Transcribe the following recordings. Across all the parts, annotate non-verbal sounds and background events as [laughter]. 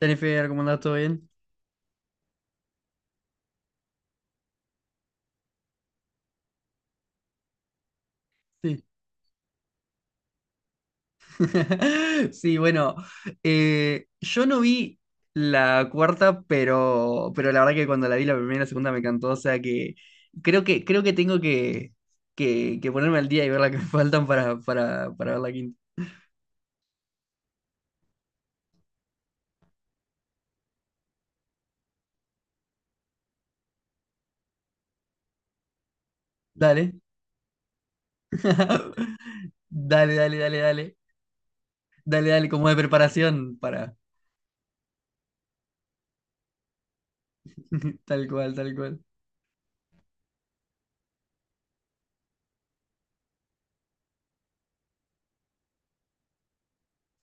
Jennifer, ¿cómo andás? ¿Todo bien? Sí. [laughs] Sí, bueno, yo no vi la cuarta, pero la verdad que cuando la vi la primera y la segunda me encantó, o sea que creo que tengo que ponerme al día y ver la que [laughs] me faltan para ver la quinta. Dale. [laughs] Dale, dale, dale, dale. Dale, dale, como de preparación para. [laughs] Tal cual, tal cual.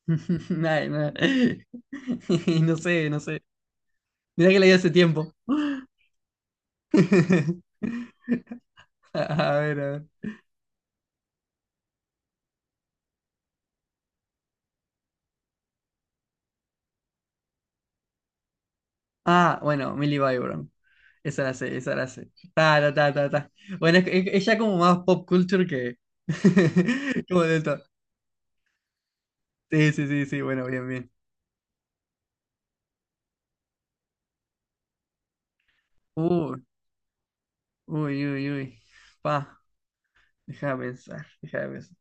[laughs] Ay, no. [laughs] No sé, no sé. Mirá que la vi hace tiempo. [laughs] A ver, a ver. Ah, bueno, Millie Byron. Esa la sé, esa la sé. Ta, ta, ta, ta, ta. Bueno, es ya como más pop culture que. [laughs] Como de esto. Sí, sí, sí, sí, bueno, bien, bien. Uy, uy, uy, uy. Pa, deja de pensar, deja de pensar.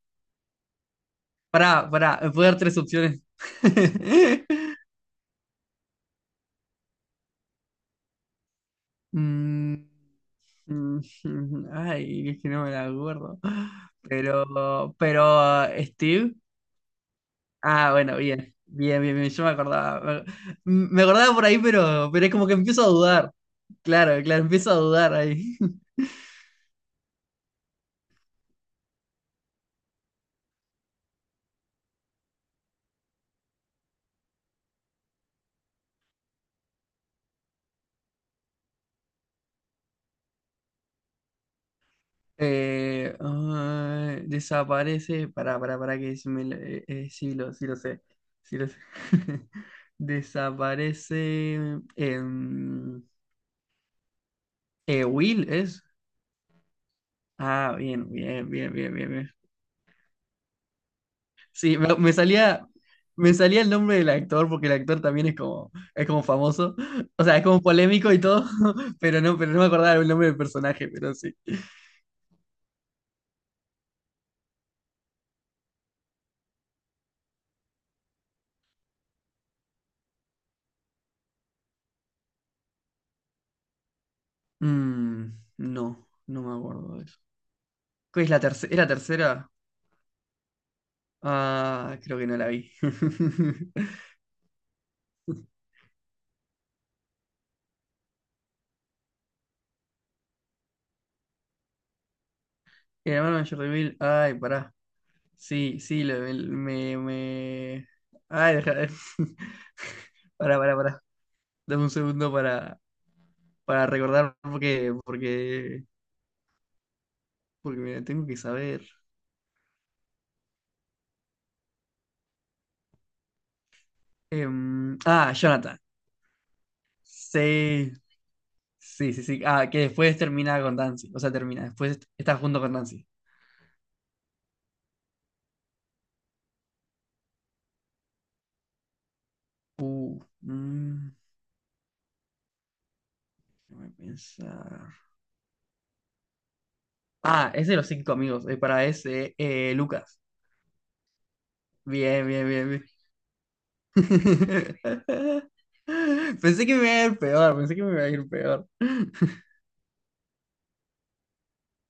Pará, pará, me puedo dar tres opciones. [laughs] Mm, mm, [laughs] Ay, es que no me la acuerdo. Pero, Steve. Ah, bueno, bien. Bien, bien, bien. Yo me acordaba. Me acordaba por ahí, pero es como que empiezo a dudar. Claro, claro, empiezo a dudar ahí. [laughs] Ah, desaparece. Para. Que se me lo- Sí lo sé. Sí lo sé. [laughs] Desaparece. em, Will es. Ah, bien, bien, bien, bien, bien, bien. Sí, me salía el nombre del actor, porque el actor también es como famoso. O sea, es como polémico y todo, [laughs] pero no me acordaba el nombre del personaje, pero sí. Mm, no, no me acuerdo de eso. ¿Cuál es la tercera? ¿Era tercera? Ah, creo que no la vi. [laughs] El hermano mayor de Bill. Ay, pará. Sí, sí, me, me- Ay, deja. [laughs] Pará, pará, pará. Dame un segundo para recordar porque mira, tengo que saber. Ah, Jonathan. Sí, sí, sí, sí. Ah, que después termina con Dancy. O sea, termina. Después está junto con Dancy. Uh, mm, Déjame pensar. Ah, es de los cinco amigos. Para ese, Lucas. Bien, bien, bien, bien. [laughs] Pensé que me iba a ir peor. Pensé que me iba a ir peor.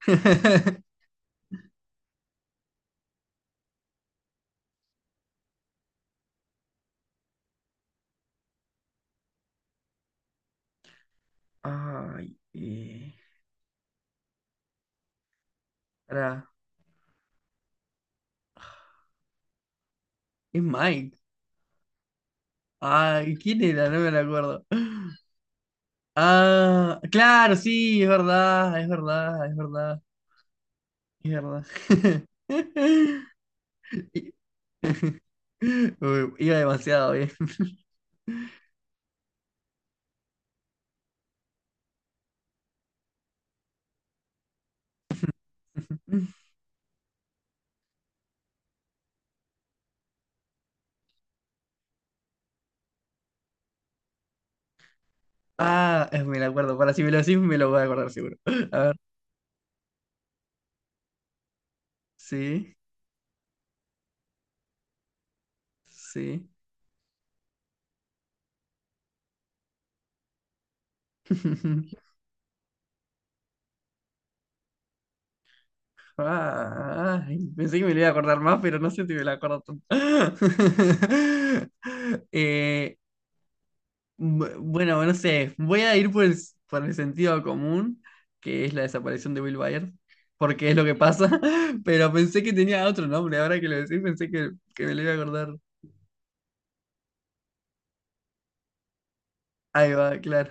[laughs] Ay, pará, es Mike. Ay, ¿quién era? No me lo acuerdo. Ah, claro, sí, es verdad, es verdad, es verdad, es verdad. [laughs] I- [laughs] Uy, iba demasiado bien. [laughs] Ah, me lo acuerdo. Para si me lo decís, me lo voy a acordar seguro. [laughs] A ver, sí, sí. [laughs] Ah, ay, pensé que me lo iba a acordar más, pero no sé si me lo acuerdo tanto. [laughs] Eh, Bueno, no sé, voy a ir por el sentido común, que es la desaparición de Will Byers, porque es lo que pasa, [laughs] pero pensé que tenía otro nombre, ahora que lo decís pensé que me lo iba a acordar. Ahí va, claro.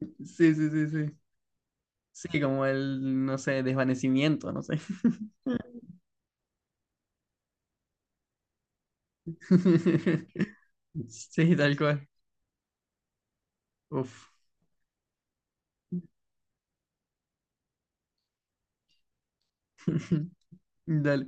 Sí, sí, sí, sí. Sí, como el, no sé, desvanecimiento, no sé. [laughs] Sí, tal cual. Uf. [laughs] Dale.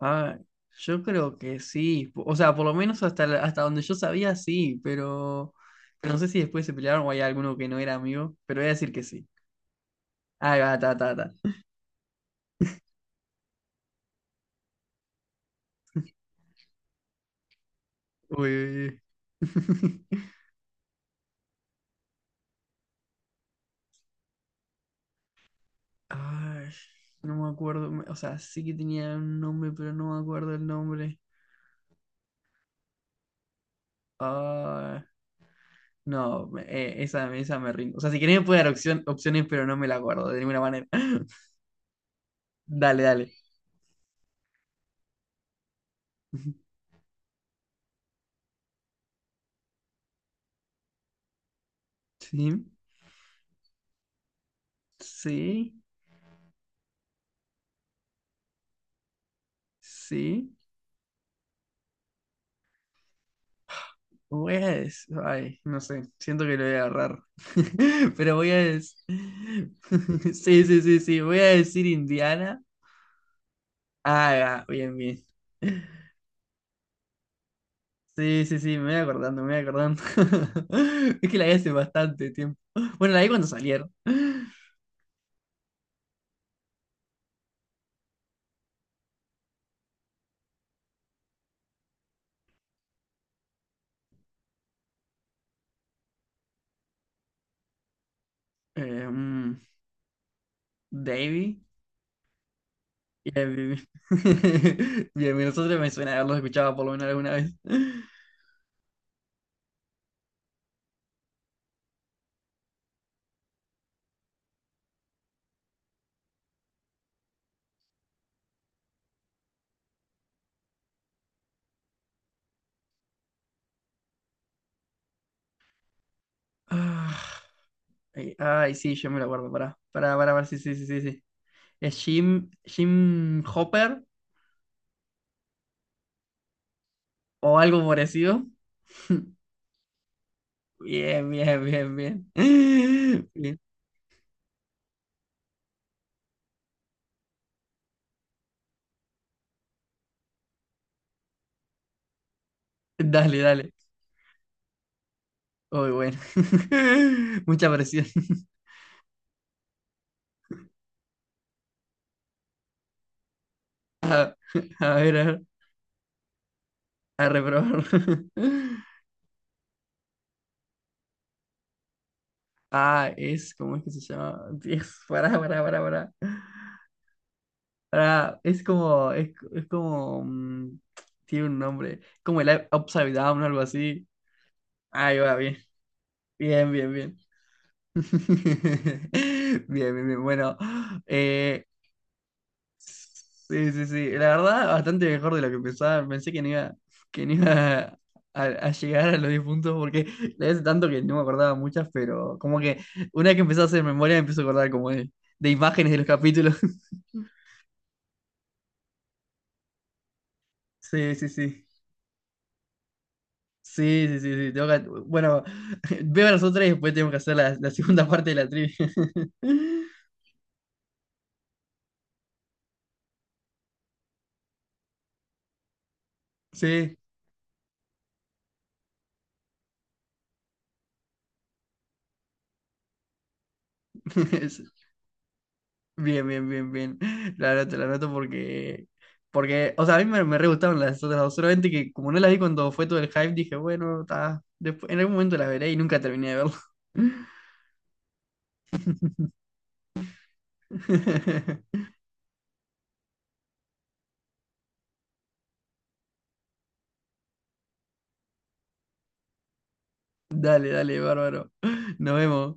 Ah, yo creo que sí. O sea, por lo menos hasta donde yo sabía, sí, pero no sé si después se pelearon o hay alguno que no era amigo, pero voy a decir que sí. Ahí va, ta, ta, ta. Uy, uy, uy. [laughs] Ay, no me acuerdo. O sea, sí que tenía un nombre, pero no me acuerdo el nombre. Ah, no, esa me rindo. O sea, si querés me puede dar opciones, pero no me la acuerdo de ninguna manera. [laughs] Dale, dale. [laughs] Sí, sí, sí. Ay, no sé, siento que lo voy a agarrar. [laughs] Pero voy a des- [laughs] Sí, sí, sí, sí, voy a decir Indiana. Ah, ya, bien, bien. Sí, sí, sí, me voy acordando, me voy acordando. [laughs] Es que la vi hace bastante tiempo. Bueno, la vi cuando salieron. Eh, mm, Davey. Bien, bien, [laughs] bien. Bien, bien, nosotros me suena haberlos escuchado por lo menos alguna vez. Ah, ay, ay, sí, yo me lo acuerdo, pará. Pará, pará, pará, sí, sí, sí, sí, sí. Es Jim, Jim Hopper o algo parecido. [laughs] Bien, bien, bien, bien. [laughs] Bien. Dale, dale. Uy, bueno. [laughs] Mucha presión. [laughs] A, a ver, a ver, a reprobar. [laughs] Ah, ¿cómo es que se llama? Dios, pará, pará, pará, pará. Pará, es como, tiene un nombre, como el Upside Down o algo así. Ahí va, bien, bien, bien, bien. [laughs] Bien, bien, bien. Bueno, eh, sí, sí, sí. La verdad, bastante mejor de lo que pensaba. Pensé que no iba a llegar a los 10 puntos porque la hice tanto que no me acordaba muchas, pero como que una vez que empecé a hacer memoria, me empiezo a acordar como de imágenes de los capítulos. [laughs] Sí, sí, sí. Sí, sí, sí, sí. Bueno, [laughs] veo las otras y después tengo que hacer la segunda [laughs] parte de la trivia. [laughs] Sí. [laughs] Bien, bien, bien, bien. [laughs] La anoto porque, o sea, a mí me re gustaron las otras dos, solamente que como no las vi cuando fue todo el hype, dije, bueno, está, después, en algún momento las veré y nunca terminé de verlo. [laughs] Dale, dale, bárbaro. Nos vemos.